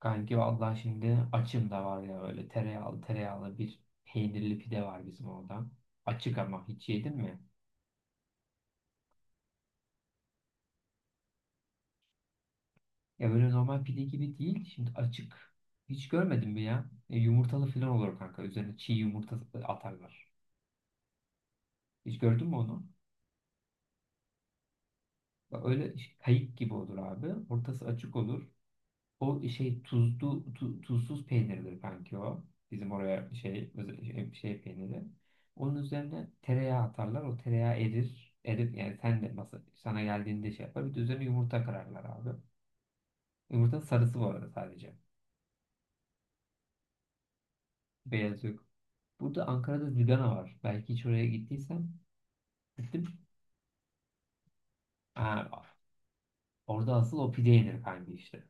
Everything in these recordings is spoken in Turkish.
Kanki vallahi şimdi açım da var ya böyle tereyağlı bir peynirli pide var bizim orada. Açık ama hiç yedin mi? Ya böyle normal pide gibi değil. Şimdi açık. Hiç görmedin mi ya? Yumurtalı falan olur kanka. Üzerine çiğ yumurta atarlar. Hiç gördün mü onu? Bak öyle kayık gibi olur abi. Ortası açık olur. O şey tuzlu tuzsuz peynirdir kanki o. Bizim oraya şey şey peyniri. Onun üzerine tereyağı atarlar. O tereyağı erir. Erir yani sen de masa, sana geldiğinde şey yapar. Bir de üzerine yumurta kırarlar abi. Yumurtanın sarısı bu arada sadece. Beyaz yok. Burada Ankara'da Zigana var. Belki hiç oraya gittiysen gittim. Ha, orada asıl o pide yenir kanki işte.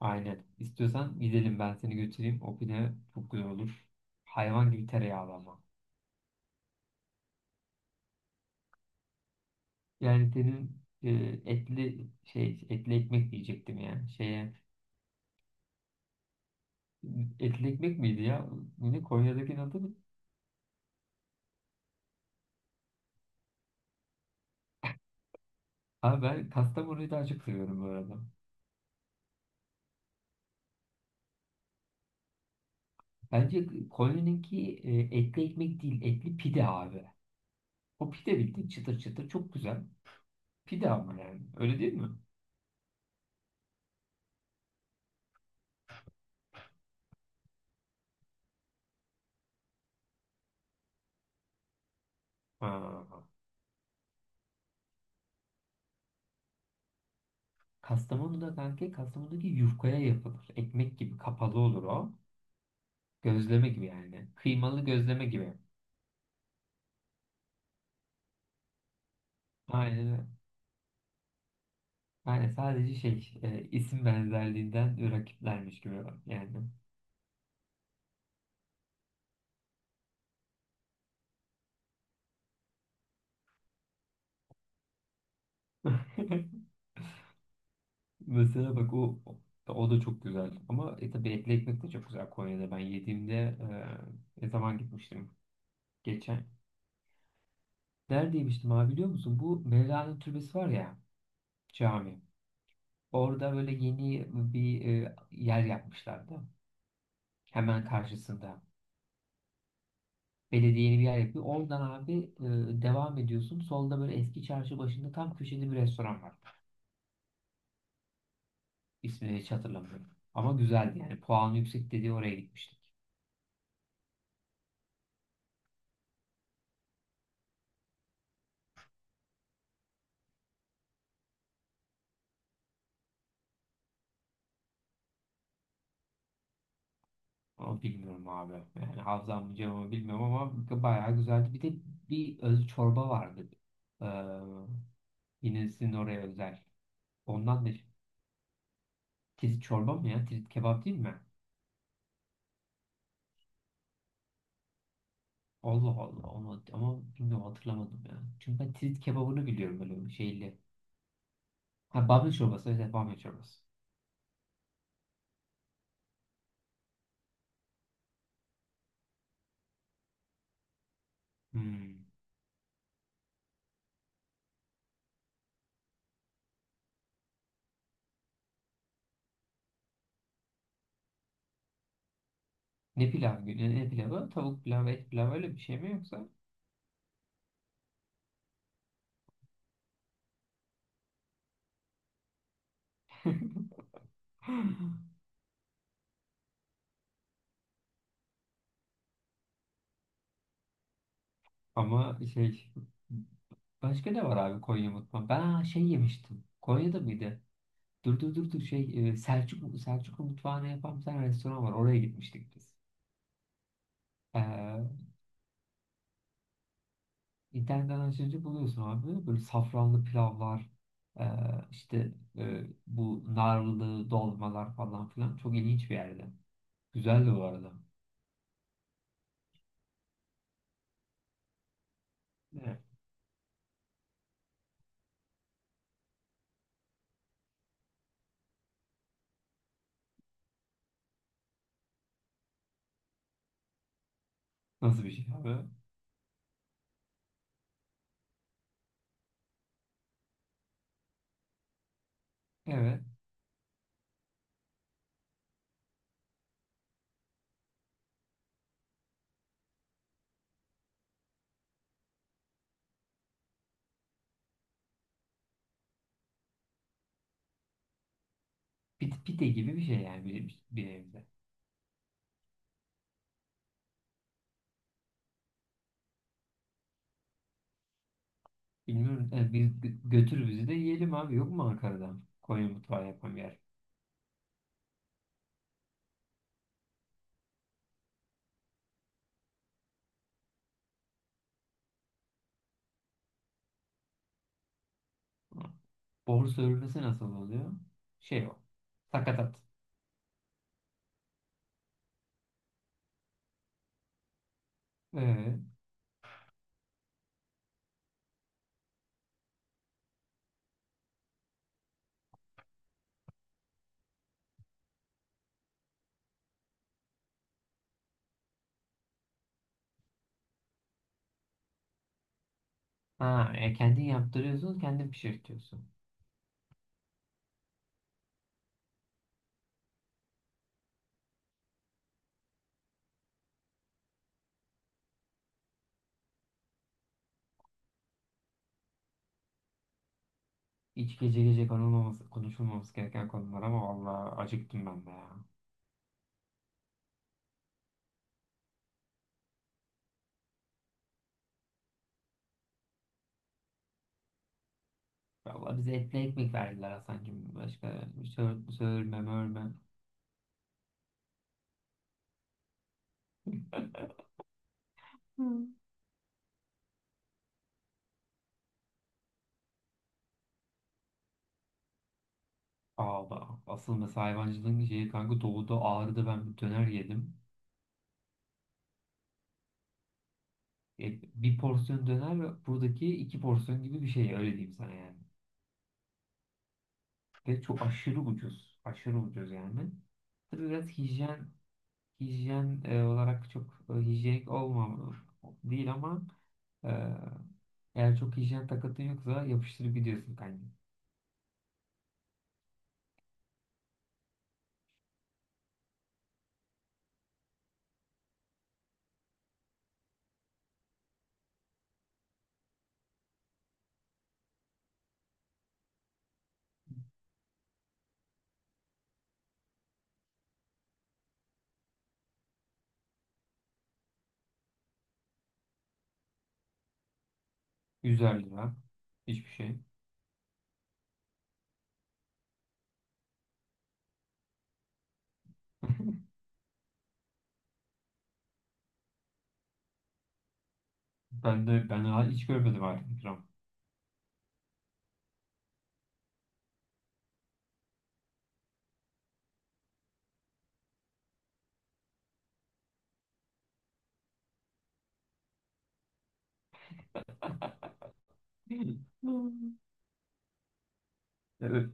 Aynen. İstiyorsan gidelim ben seni götüreyim. O pide çok güzel olur. Hayvan gibi tereyağlı ama. Yani senin etli ekmek diyecektim yani şeye etli ekmek miydi ya? Ne Konya'dakinin adı mı? Abi ben Kastamonu'yu daha çok seviyorum bu arada. Bence Konya'nınki etli ekmek değil etli pide abi. O pide bildiğin çıtır çıtır çok güzel. Pide ama yani öyle değil mi? Ha. Kastamonu'da kanka Kastamonu'daki yufkaya yapılır. Ekmek gibi kapalı olur o. Gözleme gibi yani. Kıymalı gözleme gibi. Aynen öyle. Yani sadece şey isim benzerliğinden rakiplermiş gibi yani. Mesela bak o da çok güzel. Ama tabii etli ekmek de çok güzel Konya'da. Ben yediğimde ne zaman gitmiştim? Geçen. Nerede yemiştim abi biliyor musun? Bu Mevlana Türbesi var ya cami. Orada böyle yeni bir yer yapmışlardı. Hemen karşısında. Belediye yeni bir yer yapıyor. Oradan abi devam ediyorsun. Solda böyle eski çarşı başında tam köşede bir restoran var. İsmini hiç hatırlamıyorum. Ama güzeldi yani. Puan yüksek dediği oraya gitmiştik. Ama bilmiyorum abi. Yani hafızam mı cevabı bilmiyorum ama bayağı güzeldi. Bir de bir öz çorba vardı. Ee, Yine sizin oraya özel. Ondan da tirit çorba mı ya? Tirit kebap değil mi? Allah Allah. Onu, ama bilmiyorum hatırlamadım ya. Çünkü ben tirit kebabını biliyorum böyle şeyli. Ha bamya çorbası. Evet evet, bamya çorbası. Hmm. Ne pilav günü? Ne pilavı? Tavuk pilavı, et pilavı öyle bir şey mi yoksa? Ama şey başka ne var abi Konya mutfağı? Ben ha, şey yemiştim. Konya'da mıydı? Dur şey Selçuklu mutfağına yapan bir tane restoran var. Oraya gitmiştik biz. Ee, internetten açınca buluyorsun abi. Böyle safranlı pilavlar e, işte bu narlı dolmalar falan filan. Çok ilginç bir yerde. Güzeldi bu arada. Evet. Nasıl bir şey abi? Evet. Pide gibi bir şey yani bir evde. Bilmiyorum. Yani biz götür bizi de yiyelim abi. Yok mu Ankara'da? Konya mutfağı yapan bir yer. Hı. Bor sörmesi nasıl oluyor? Şey o. Sakatat. Ee, Kendin yaptırıyorsun, kendin pişirtiyorsun. Hiç gece gece konulmaması, konuşulmaması gereken konular ama vallahi acıktım ben de ya. Vallahi bize etli ekmek verdiler Hasan'cığım. Başka sörme, mörme. Hı. Aa, bak, asıl mesela hayvancılığın şeyi kanka doğuda Ağrı'da ben bir döner yedim. Yani bir porsiyon döner ve buradaki iki porsiyon gibi bir şey öyle diyeyim sana yani. Ve çok aşırı ucuz. Aşırı ucuz yani. Tabii biraz hijyen olarak çok hijyenik olmam değil ama e, eğer çok hijyen takıntın yoksa yapıştırıp gidiyorsun kanka. 100'er lira. Hiçbir şey. Ben daha hiç görmedim artık ikram. Evet.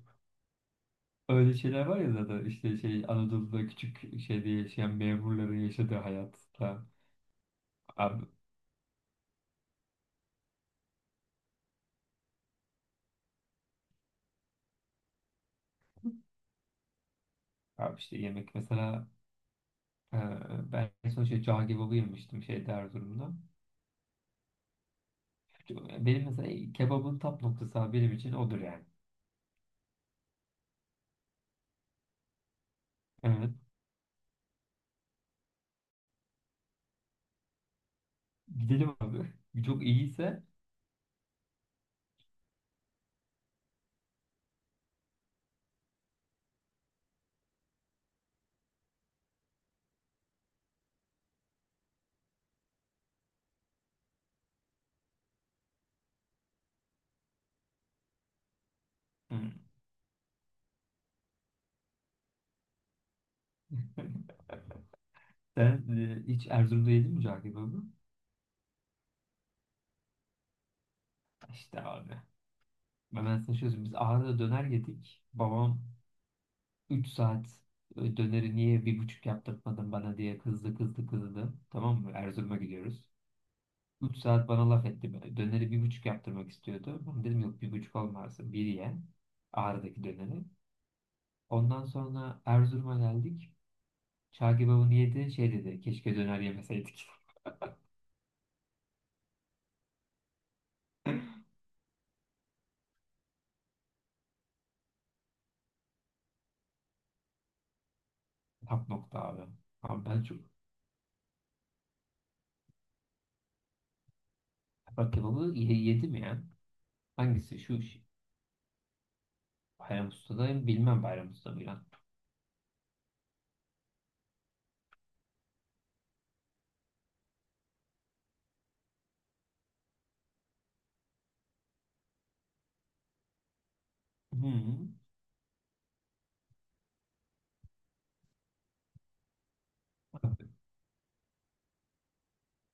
Öyle şeyler var ya zaten işte şey Anadolu'da küçük şeyde yaşayan memurların yaşadığı hayatta. Abi, Abi işte yemek mesela e, ben en son şey cağ kebabı yemiştim şeyde Erzurum'da. Benim mesela kebabın tap noktası abi benim için odur yani. Evet. Gidelim abi. Çok iyiyse hı. Sen hiç Erzurum'da yedin mi cağ kebabı? İşte abi. Ben sana şöyle söyleyeyim. Biz Ağrı'da döner yedik. Babam 3 saat döneri niye bir buçuk yaptırmadın bana diye kızdı. Tamam mı? Erzurum'a gidiyoruz. 3 saat bana laf etti. Böyle. Döneri bir buçuk yaptırmak istiyordu. Ben dedim yok bir buçuk olmaz. Bir ye. Ağrı'daki döneri. Ondan sonra Erzurum'a geldik. Çağ kebabını yedi. Şey dedi. Keşke döner yemeseydik. Tap nokta abi. Abi ben çok... Bak kebabı yedim ya. Hangisi? Bayram Usta'da bilmem Bayram Usta mı lan. Hı.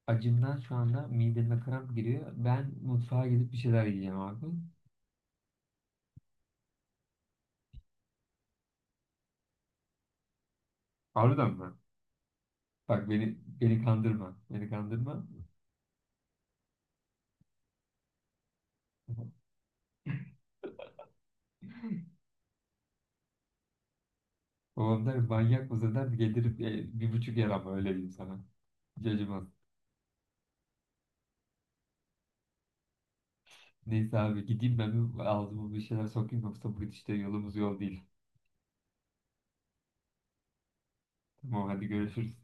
Acımdan şu anda mideme kramp giriyor. Ben mutfağa gidip bir şeyler yiyeceğim abi. Harbiden mi? Bak beni kandırma. Beni kandırma. Babam der manyak mısın der gelirim bir buçuk yer ama öyle diyeyim sana. Hiç acımaz. Neyse abi gideyim ben bir ağzıma bir şeyler sokayım yoksa bu gidişte yolumuz yol değil. Tamam hadi görüşürüz.